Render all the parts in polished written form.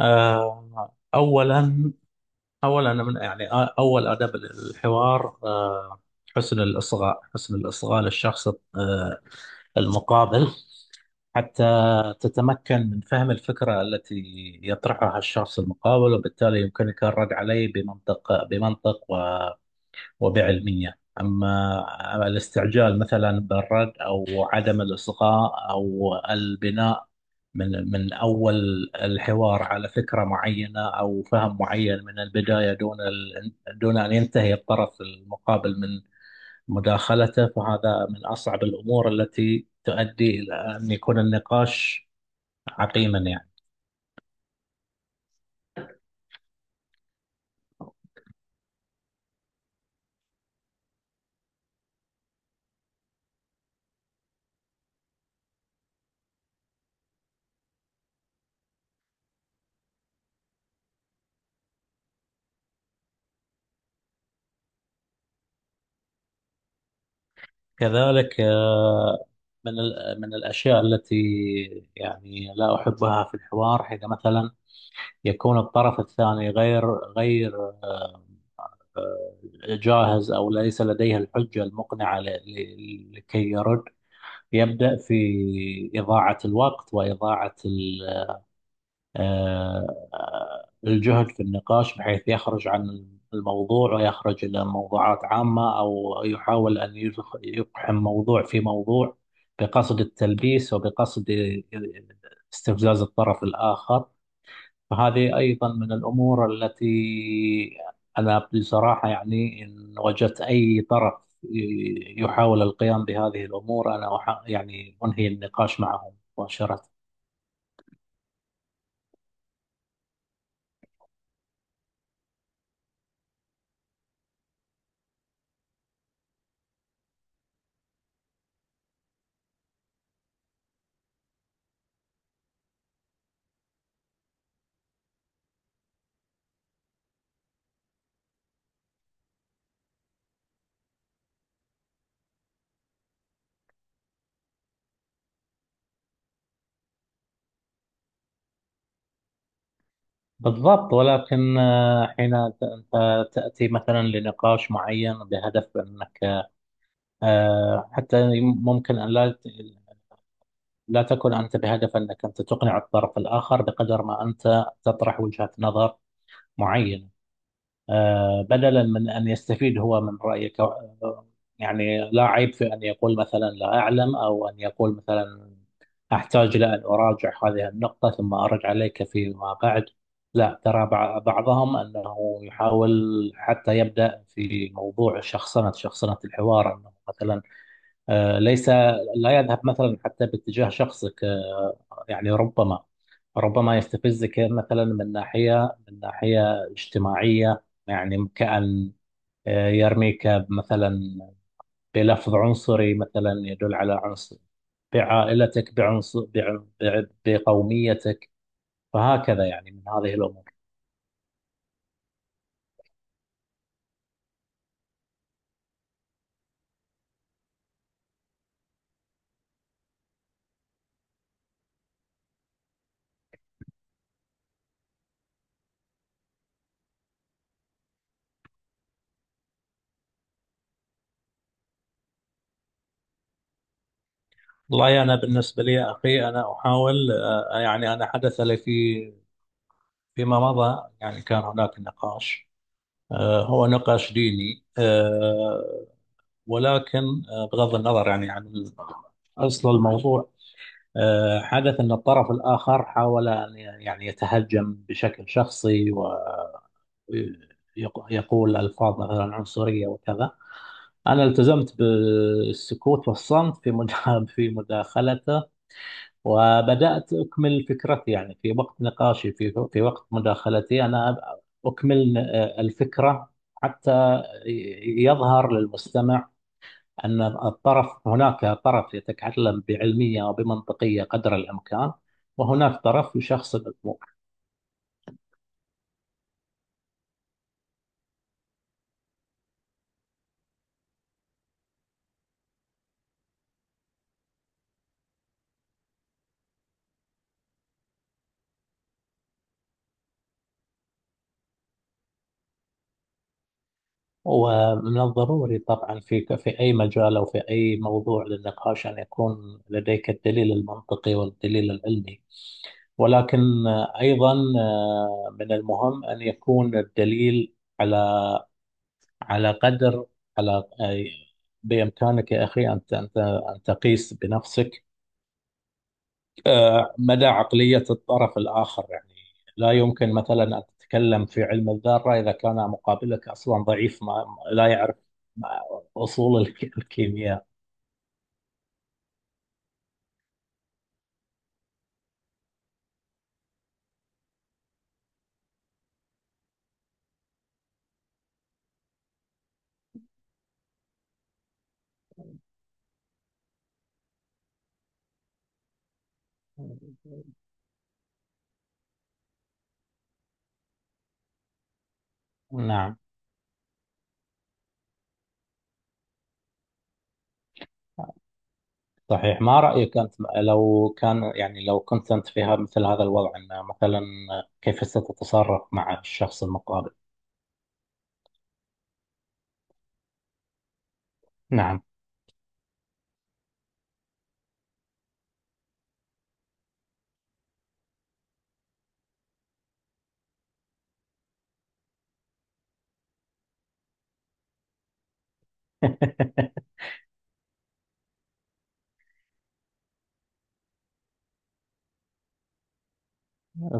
أولا. من أول آداب الحوار، حسن الإصغاء، حسن الإصغاء للشخص آه، المقابل، حتى تتمكن من فهم الفكرة التي يطرحها الشخص المقابل، وبالتالي يمكنك الرد عليه بمنطق، وبعلمية. أما الاستعجال مثلا بالرد، أو عدم الإصغاء، أو البناء من أول الحوار على فكرة معينة أو فهم معين من البداية دون أن ينتهي الطرف المقابل من مداخلته، فهذا من أصعب الأمور التي تؤدي إلى أن يكون النقاش عقيما يعني. كذلك من من الأشياء التي يعني لا أحبها في الحوار، حين مثلا يكون الطرف الثاني غير غير آه، جاهز، أو ليس لديه الحجة المقنعة لكي يرد، يبدأ في إضاعة الوقت وإضاعة الجهد في النقاش، بحيث يخرج عن الموضوع ويخرج إلى موضوعات عامة، أو يحاول أن يقحم موضوع في موضوع بقصد التلبيس، وبقصد استفزاز الطرف الآخر. فهذه أيضا من الأمور التي أنا بصراحة يعني إن وجدت أي طرف يحاول القيام بهذه الأمور، أنا يعني أنهي النقاش معهم مباشرة. بالضبط، ولكن حين أنت تأتي مثلا لنقاش معين بهدف أنك حتى ممكن أن لا تكن أنت بهدف أنك أنت تقنع الطرف الآخر، بقدر ما أنت تطرح وجهة نظر معينة. بدلا من أن يستفيد هو من رأيك، يعني لا عيب في أن يقول مثلا لا أعلم، أو أن يقول مثلا أحتاج إلى أن أراجع هذه النقطة ثم أرد عليك فيما بعد. لا ترى بعضهم أنه يحاول حتى يبدأ في موضوع شخصنة، شخصنة الحوار، أنه مثلا آه، ليس لا يذهب مثلا حتى باتجاه شخصك. يعني ربما يستفزك مثلا من ناحية، من ناحية اجتماعية، يعني كأن يرميك مثلا بلفظ عنصري، مثلا يدل على عنصر بعائلتك، بعنصر بقوميتك. فهكذا يعني من هذه الأمور. والله أنا بالنسبة لي يا أخي أنا أحاول، يعني أنا حدث لي في فيما مضى، يعني كان هناك نقاش هو نقاش ديني، ولكن بغض النظر يعني عن أصل الموضوع، حدث أن الطرف الآخر حاول أن يعني يتهجم بشكل شخصي، ويقول ألفاظ مثلا عنصرية وكذا. أنا التزمت بالسكوت والصمت في في مداخلته، وبدأت أكمل فكرتي، يعني في وقت نقاشي، في وقت مداخلتي أنا أكمل الفكرة، حتى يظهر للمستمع أن الطرف، هناك طرف يتكلم بعلمية وبمنطقية قدر الإمكان، وهناك طرف يشخص الأمور. ومن الضروري طبعا في أي مجال، أو في أي موضوع للنقاش، أن يكون لديك الدليل المنطقي والدليل العلمي. ولكن أيضا من المهم أن يكون الدليل على، على قدر، على، بإمكانك يا أخي أن أن تقيس بنفسك مدى عقلية الطرف الآخر يعني. لا يمكن مثلا أن تتكلم في علم الذرة إذا كان مقابلك أصلا ضعيف ما لا يعرف ما- أصول الكيمياء. نعم. صحيح. ما رأيك أنت لو كان، يعني لو كنت أنت في مثل هذا الوضع، أن مثلا كيف ستتصرف مع الشخص المقابل؟ نعم.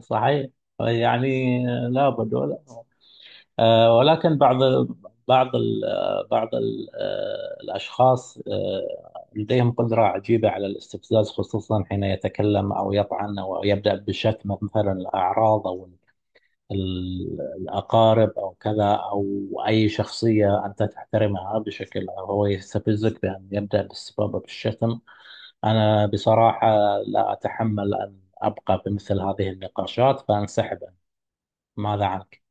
صحيح. يعني لابد ولا ولكن بعض بعض ال بعض ال آه، الأشخاص لديهم قدرة عجيبة على الاستفزاز، خصوصا حين يتكلم أو يطعن أو يبدأ بشتم مثلا الأعراض، أو الأقارب، أو كذا، أو أي شخصية أنت تحترمها، بشكل هو يستفزك بأن يبدأ بالاستفاضة بالشتم. أنا بصراحة لا أتحمل أن أبقى بمثل هذه النقاشات، فأنسحب. ماذا عنك؟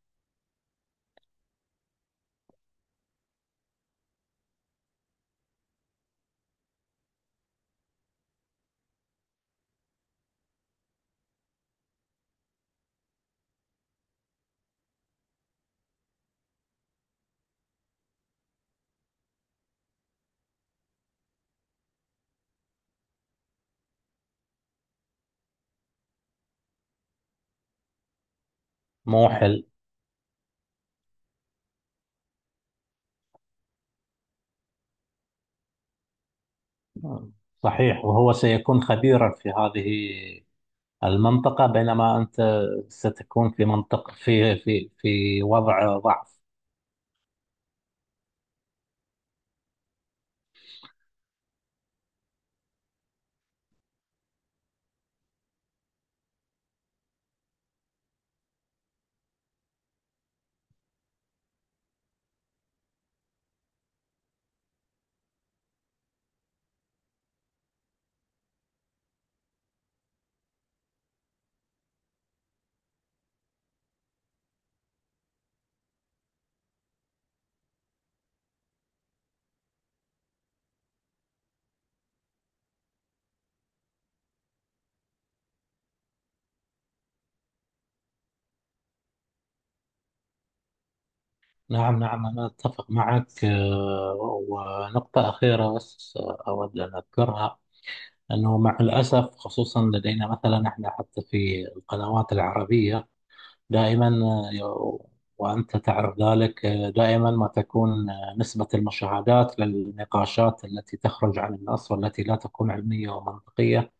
موحل. صحيح، وهو سيكون خبيرا في هذه المنطقة، بينما أنت ستكون في منطقة، في وضع ضعف. نعم، نعم، أنا أتفق معك. ونقطة أخيرة بس أود أن أذكرها، أنه مع الأسف خصوصا لدينا مثلا إحنا، حتى في القنوات العربية، دائما آه، وأنت تعرف ذلك، دائما ما تكون نسبة المشاهدات للنقاشات التي تخرج عن النص، والتي لا تكون علمية ومنطقية.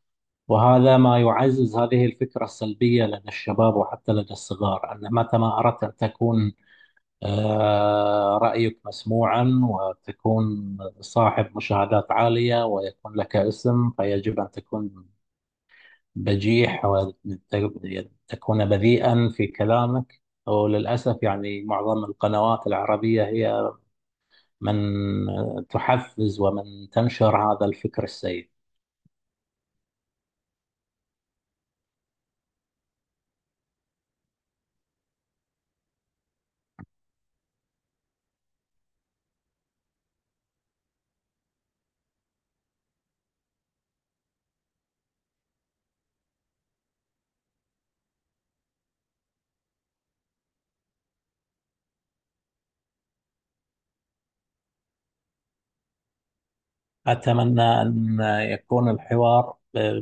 وهذا ما يعزز هذه الفكرة السلبية لدى الشباب، وحتى لدى الصغار، أن متى ما أردت أن تكون رأيك مسموعا، وتكون صاحب مشاهدات عالية، ويكون لك اسم، فيجب أن تكون بجيح، وتكون تكون بذيئا في كلامك. وللأسف يعني معظم القنوات العربية هي من تحفز، ومن تنشر هذا الفكر السيء. أتمنى أن يكون الحوار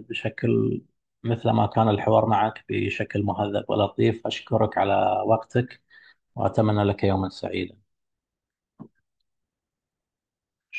بشكل، مثل ما كان الحوار معك، بشكل مهذب ولطيف. أشكرك على وقتك، وأتمنى لك يوما سعيدا.